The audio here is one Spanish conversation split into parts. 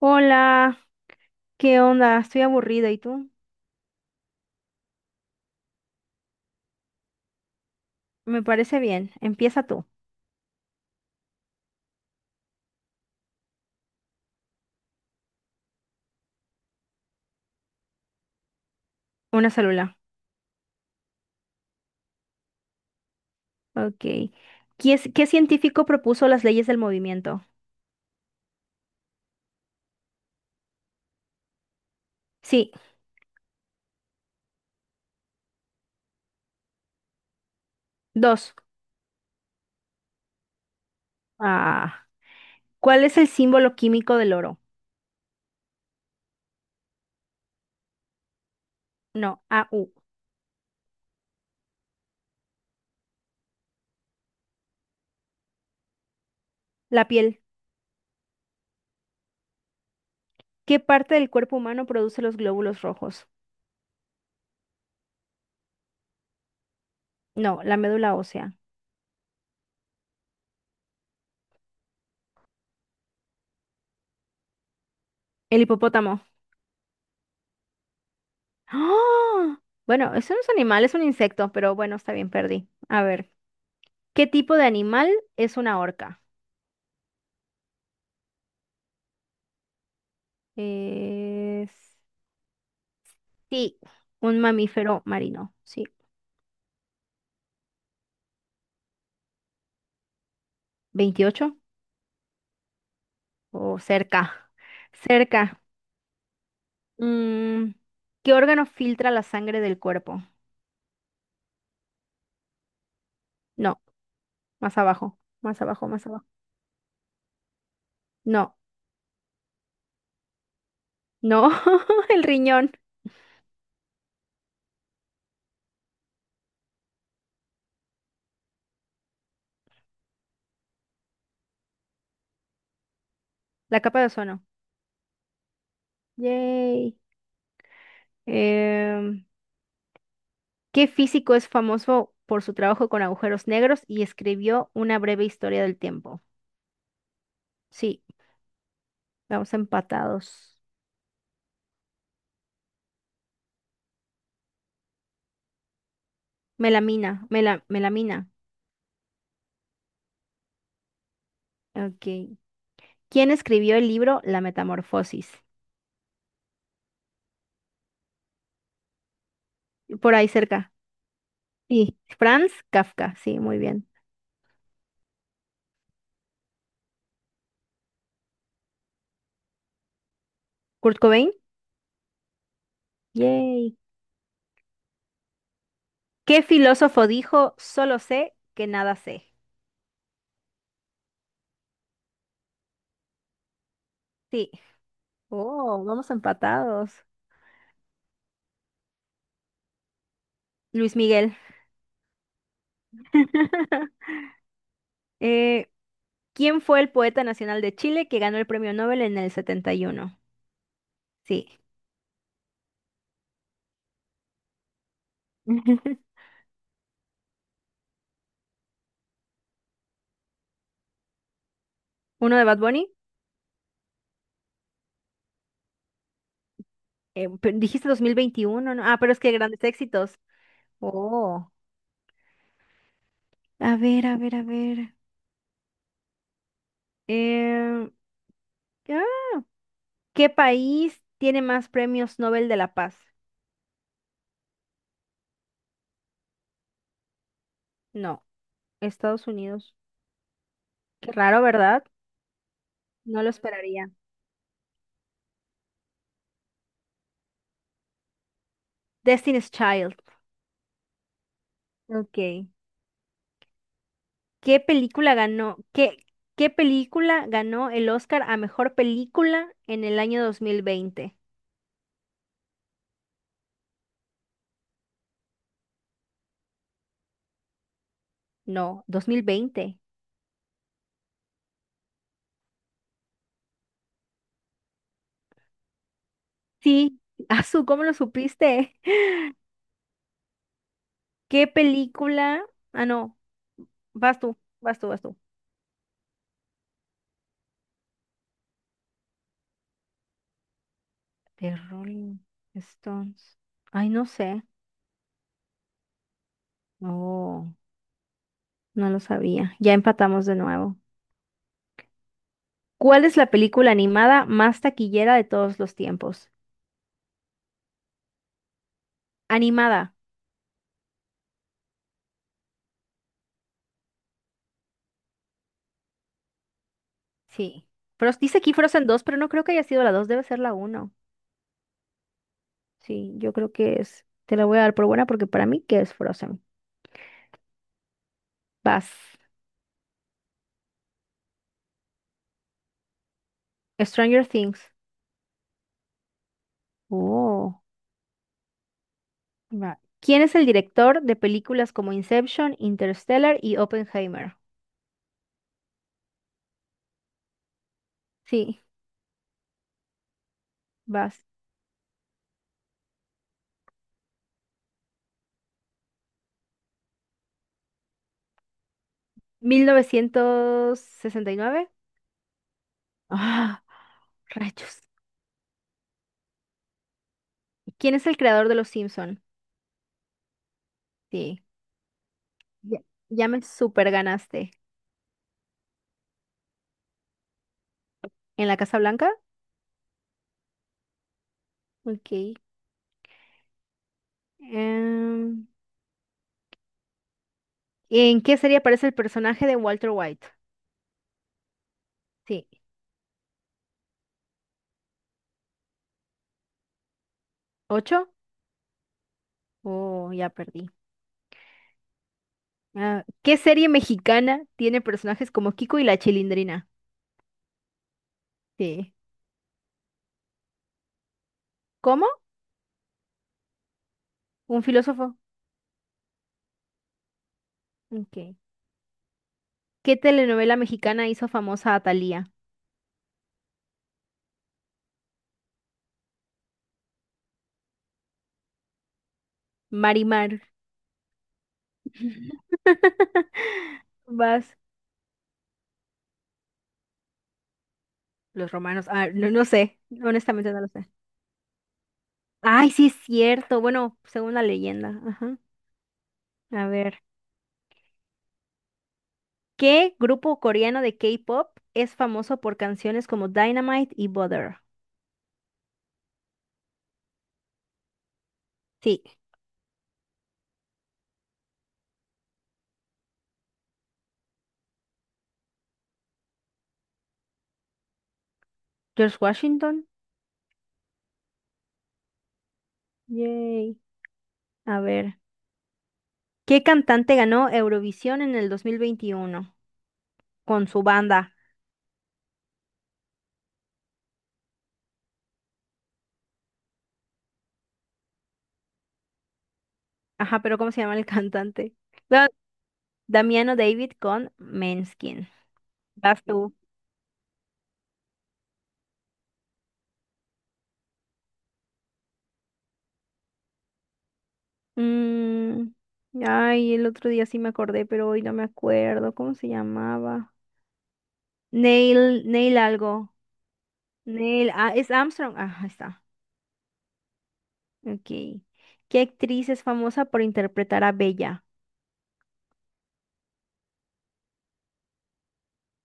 Hola, ¿qué onda? Estoy aburrida, ¿y tú? Me parece bien. Empieza tú. Una célula. Ok. ¿Qué, qué científico propuso las leyes del movimiento? Sí, dos. Ah. ¿Cuál es el símbolo químico del oro? No, AU. La piel. ¿Qué parte del cuerpo humano produce los glóbulos rojos? No, la médula ósea. El hipopótamo. ¡Ah! Bueno, eso no es un animal, es un insecto, pero bueno, está bien, perdí. A ver, ¿qué tipo de animal es una orca? Es sí, un mamífero marino, sí. Veintiocho o cerca, cerca. Mm, ¿Qué órgano filtra la sangre del cuerpo? No, más abajo, más abajo, más abajo. No, no, el riñón, la capa de ozono. Yay. Em, ¿Qué físico es famoso por su trabajo con agujeros negros y escribió una breve historia del tiempo? Sí, vamos empatados. Melamina, melamina. Ok, ¿quién escribió el libro La Metamorfosis? Por ahí cerca. Sí. Franz Kafka, sí, muy bien. Kurt Cobain. Yay. ¿Qué filósofo dijo, solo sé que nada sé? Sí. Oh, vamos empatados. Luis Miguel. Eh, ¿Quién fue el poeta nacional de Chile que ganó el premio Nobel en el 71? Sí. ¿Uno de Bad Bunny? Dijiste 2021, ¿no? Ah, pero es que grandes éxitos. Oh. A ver, a ver, a ver. Eh, ah, ¿Qué país tiene más premios Nobel de la Paz? No, Estados Unidos. Qué raro, ¿verdad? No lo esperaría. Destiny's Child. Ok. ¿Qué película ganó? ¿Qué, qué película ganó el Oscar a mejor película en el año 2020? No, 2020. Sí, Azul, ¿cómo lo supiste? ¿Qué película? Ah, no, vas tú, vas tú, vas tú. The Rolling Stones. Ay, no sé. Oh. No lo sabía. Ya empatamos de nuevo. ¿Cuál es la película animada más taquillera de todos los tiempos? Animada. Sí. Pero dice aquí Frozen 2, pero no creo que haya sido la 2. Debe ser la uno. Sí, yo creo que es. Te la voy a dar por buena porque para mí que es Frozen. Vas. Stranger Things. Oh. Va. ¿Quién es el director de películas como Inception, Interstellar y Oppenheimer? Sí, vas. 1969. Ah, rayos. ¿Quién es el creador de Los Simpson? Sí. Ya, ya me super ganaste. ¿En la Casa Blanca? Ok. Em, ¿En qué serie aparece el personaje de Walter White? Sí. ¿Ocho? Oh, ya perdí. Ah, ¿qué serie mexicana tiene personajes como Kiko y la Chilindrina? Sí. ¿Cómo? Un filósofo. Ok. ¿Qué telenovela mexicana hizo famosa a Thalía? Marimar. Vas. Los romanos. Ah, no, no sé. Honestamente no lo sé. Ay, sí es cierto. Bueno, según la leyenda. Ajá. A ver. ¿Qué grupo coreano de K-pop es famoso por canciones como Dynamite y Butter? Sí. George Washington. Yay. A ver. ¿Qué cantante ganó Eurovisión en el 2021 con su banda? Ajá, pero ¿cómo se llama el cantante? Da- Damiano David con Maneskin. Vas tú. Mm, ay, el otro día sí me acordé, pero hoy no me acuerdo. ¿Cómo se llamaba? Neil, Neil algo. Neil, ah, es Armstrong. Ah, ahí está. Ok. ¿Qué actriz es famosa por interpretar a Bella?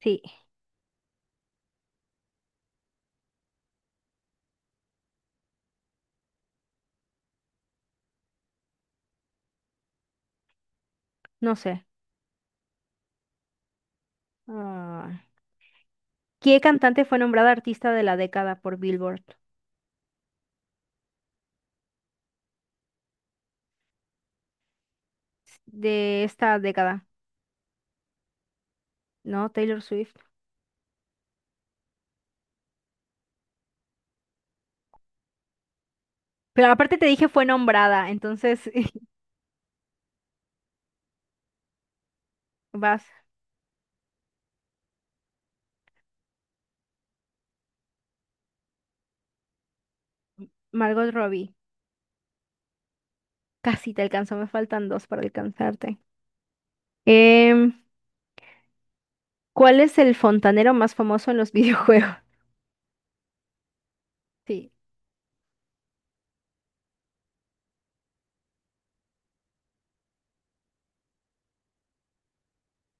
Sí, no sé. Ah, ¿qué cantante fue nombrada artista de la década por Billboard? De esta década, ¿no? Taylor Swift. Pero aparte te dije fue nombrada, entonces vas. Margot Robbie. Casi te alcanzó, me faltan dos para alcanzarte. Em, ¿Cuál es el fontanero más famoso en los videojuegos? Sí.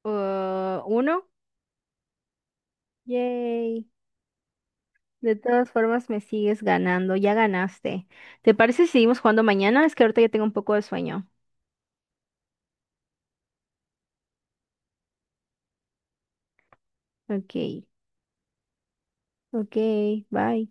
Uno. Yay. De todas formas, me sigues ganando. Ya ganaste. ¿Te parece si seguimos jugando mañana? Es que ahorita ya tengo un poco de sueño. Ok, ok, bye.